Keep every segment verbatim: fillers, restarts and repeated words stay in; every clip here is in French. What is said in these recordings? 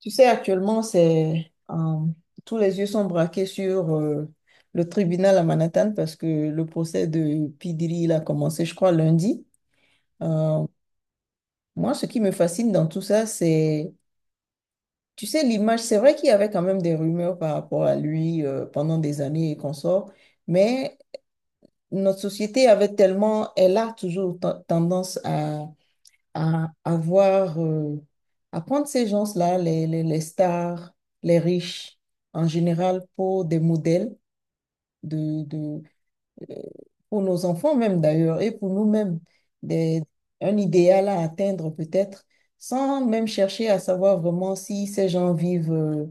Tu sais, actuellement, c'est euh, tous les yeux sont braqués sur euh, le tribunal à Manhattan parce que le procès de P. Diddy, il a commencé, je crois, lundi. Euh, moi, ce qui me fascine dans tout ça, c'est, tu sais, l'image, c'est vrai qu'il y avait quand même des rumeurs par rapport à lui euh, pendant des années et qu'on sort, mais notre société avait tellement, elle a toujours ten- tendance à à avoir, euh, à prendre ces gens-là, les, les, les stars, les riches, en général, pour des modèles de, de, euh, pour nos enfants même d'ailleurs, et pour nous-mêmes, des, un idéal à atteindre peut-être, sans même chercher à savoir vraiment si ces gens vivent. euh,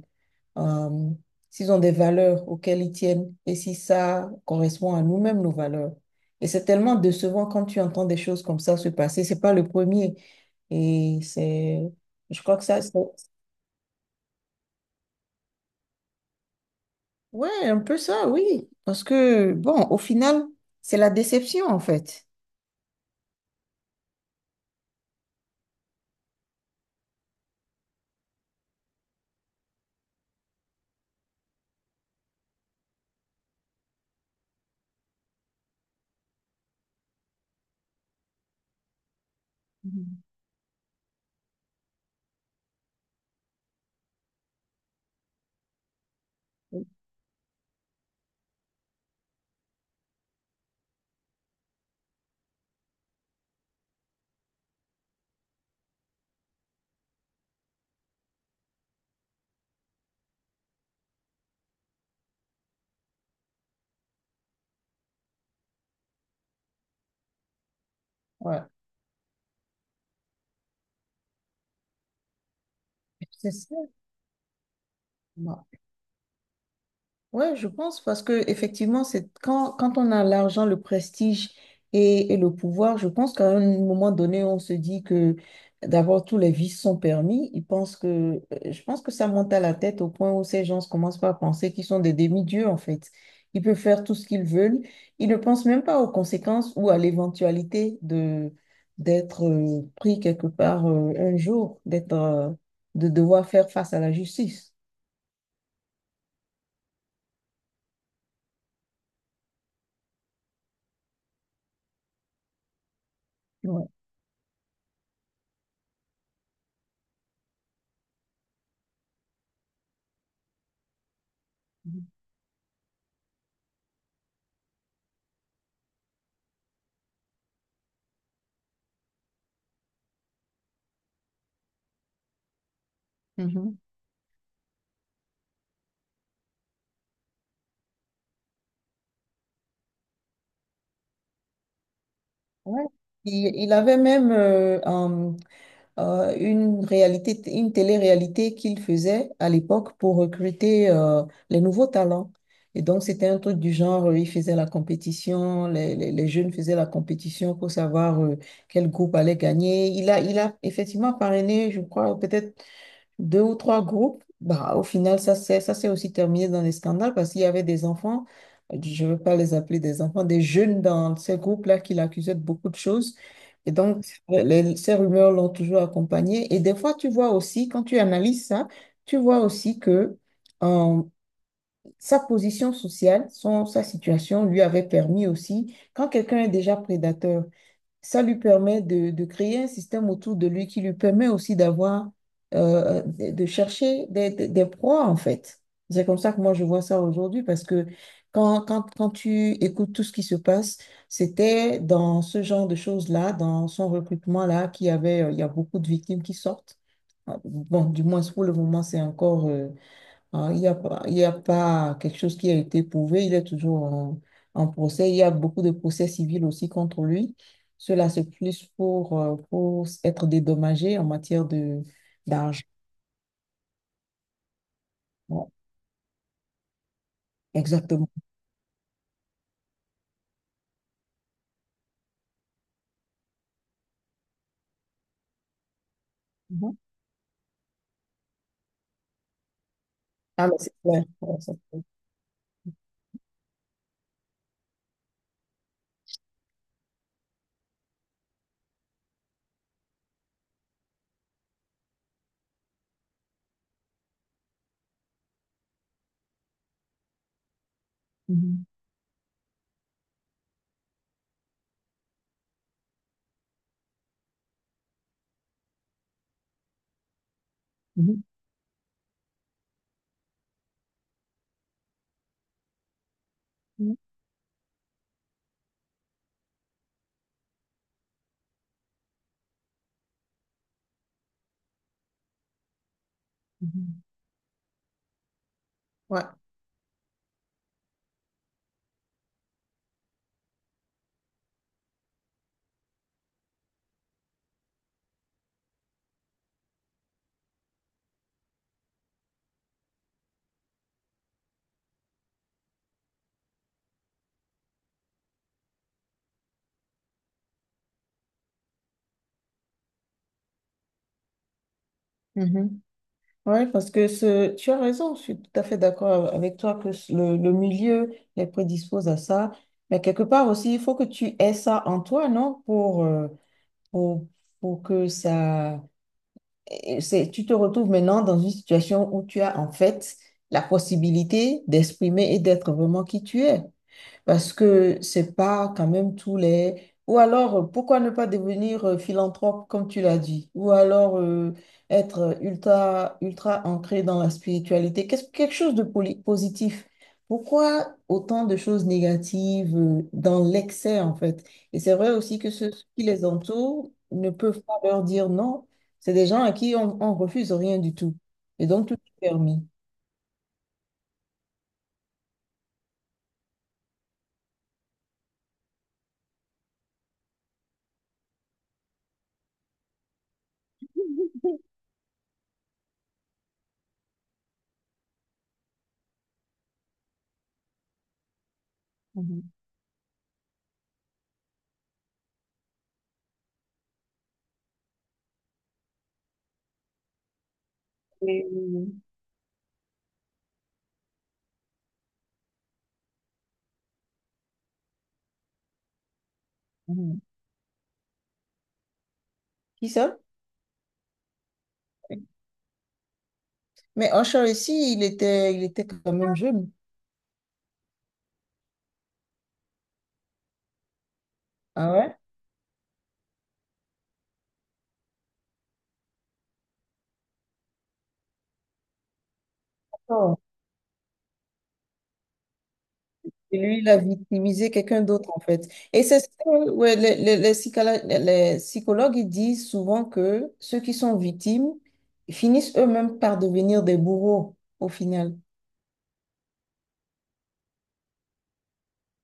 euh, s'ils ont des valeurs auxquelles ils tiennent et si ça correspond à nous-mêmes, nos valeurs. Et c'est tellement décevant quand tu entends des choses comme ça se passer. C'est pas le premier. Et c'est, je crois que ça, c'est- ouais, un peu ça, oui. Parce que, bon, au final, c'est la déception, en fait. Mhm. Ouais, c'est ça. Ouais, je pense parce que effectivement, c'est quand, quand on a l'argent, le prestige et, et le pouvoir, je pense qu'à un moment donné, on se dit que d'abord tous les vices sont permis. Ils pensent que, euh, je pense que ça monte à la tête au point où ces gens commencent pas à penser qu'ils sont des demi-dieux en fait. Ils peuvent faire tout ce qu'ils veulent. Ils ne pensent même pas aux conséquences ou à l'éventualité de d'être euh, pris quelque part euh, un jour, d'être euh, de devoir faire face à la justice. Ouais. Mhm. Ouais. Il, il avait même euh, un- euh, une réalité, une télé-réalité qu'il faisait à l'époque pour recruter euh, les nouveaux talents. Et donc, c'était un truc du genre, euh, il faisait la compétition, les, les- les jeunes faisaient la compétition pour savoir euh, quel groupe allait gagner. Il a, il a effectivement parrainé, je crois, peut-être deux ou trois groupes, bah, au final, ça s'est, ça s'est aussi terminé dans les scandales parce qu'il y avait des enfants, euh, je ne veux pas les appeler des enfants, des jeunes dans ces groupes-là qui l'accusaient de beaucoup de choses. Et donc, les- ces rumeurs l'ont toujours accompagné. Et des fois, tu vois aussi, quand tu analyses ça, tu vois aussi que euh, sa position sociale, son, sa situation lui avait permis aussi, quand quelqu'un est déjà prédateur, ça lui permet de, de créer un système autour de lui qui lui permet aussi d'avoir, euh, de, de chercher des, des, des proies, en fait. C'est comme ça que moi, je vois ça aujourd'hui, parce que quand, quand, quand tu écoutes tout ce qui se passe, c'était dans ce genre de choses-là, dans son recrutement-là, qu'il y avait, euh, il y a beaucoup de victimes qui sortent. Bon, du moins, pour le moment, c'est encore... euh, Hein, il n'y a pas, il y a pas quelque chose qui a été prouvé. Il est toujours en, en procès. Il y a beaucoup de procès civils aussi contre lui. Cela, c'est plus pour, euh, pour être dédommagé en matière de d'argent. Ouais, exactement. Mhm. Ah, mais c'est clair. Ouais, ça peut- Mhm. Mhm. Mhm. Mhm. Ouais. Mhm. Ouais, parce que ce, tu as raison, je suis tout à fait d'accord avec toi que ce- le, le milieu les prédispose à ça. Mais quelque part aussi, il faut que tu aies ça en toi, non? Pour, euh, pour, pour que ça... et c'est- tu te retrouves maintenant dans une situation où tu as en fait la possibilité d'exprimer et d'être vraiment qui tu es. Parce que c'est pas quand même tous les... Ou alors, euh, pourquoi ne pas devenir euh, philanthrope, comme tu l'as dit? Ou alors euh, être ultra, ultra ancré dans la spiritualité. Qu'est-ce, quelque chose de poli- positif. Pourquoi autant de choses négatives euh, dans l'excès, en fait? Et c'est vrai aussi que ceux qui les entourent ne peuvent pas leur dire non. C'est des gens à qui on, on refuse rien du tout. Et donc, tout est permis. Mhm. Et- Mhm. Qui ça? Mais Usher ici, il était, il était quand même jeune. Ah ouais? Oh. Et lui, il a victimisé quelqu'un d'autre, en fait. Et c'est ce que ouais, les, les- les psychala- les psychologues ils disent souvent que ceux qui sont victimes finissent eux-mêmes par devenir des bourreaux, au final.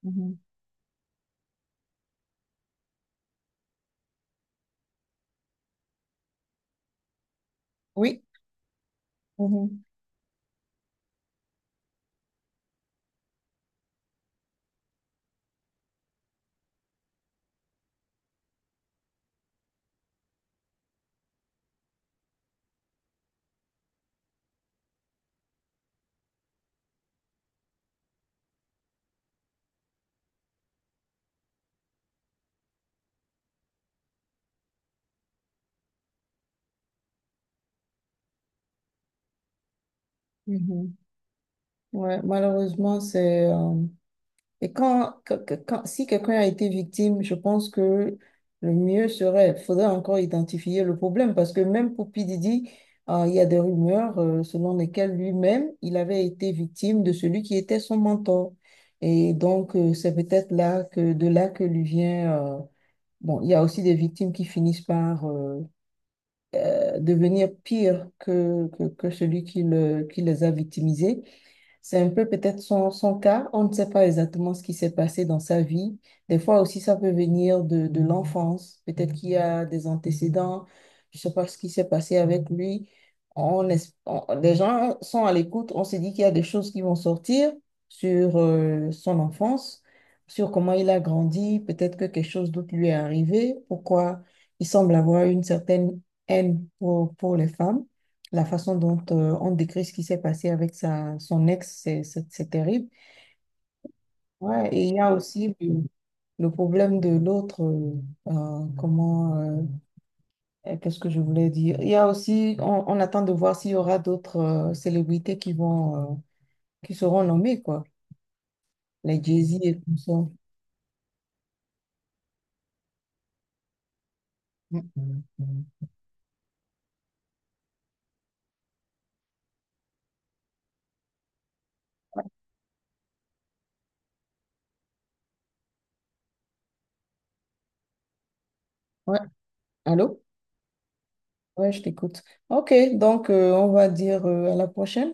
Mhm. Oui, mhm, mhm. Ouais, malheureusement, c'est... euh, et quand, que- que- quand- si quelqu'un a été victime, je pense que le mieux serait, il faudrait encore identifier le problème parce que même pour P. Diddy, euh, il y a des rumeurs euh, selon lesquelles lui-même, il avait été victime de celui qui était son mentor. Et donc, euh, c'est peut-être là que, de là que lui vient... euh, bon, il y a aussi des victimes qui finissent par euh, euh, devenir pires que, que, que celui qui, le, qui les a victimisés. C'est un peu peut-être son, son cas. On ne sait pas exactement ce qui s'est passé dans sa vie. Des fois aussi, ça peut venir de, de l'enfance. Peut-être qu'il y a des antécédents. Je ne sais pas ce qui s'est passé avec lui. On, es- on- les gens sont à l'écoute. On se dit qu'il y a des choses qui vont sortir sur euh, son enfance, sur comment il a grandi. Peut-être que quelque chose d'autre lui est arrivé. Pourquoi il semble avoir une certaine haine pour, pour les femmes. La façon dont euh, on décrit ce qui s'est passé avec sa, son ex, c'est c'est- c'est terrible. Ouais, et il y a aussi le, le problème de l'autre. euh, euh, comment, euh, euh, qu'est-ce que je voulais dire? Il y a aussi, on, on attend de voir s'il y aura d'autres euh, célébrités qui vont, euh, qui seront nommées, quoi. Les Jay-Z et tout ça. Mm. Ouais, allô? Ouais, je t'écoute. Ok, donc euh, on va dire euh, à la prochaine.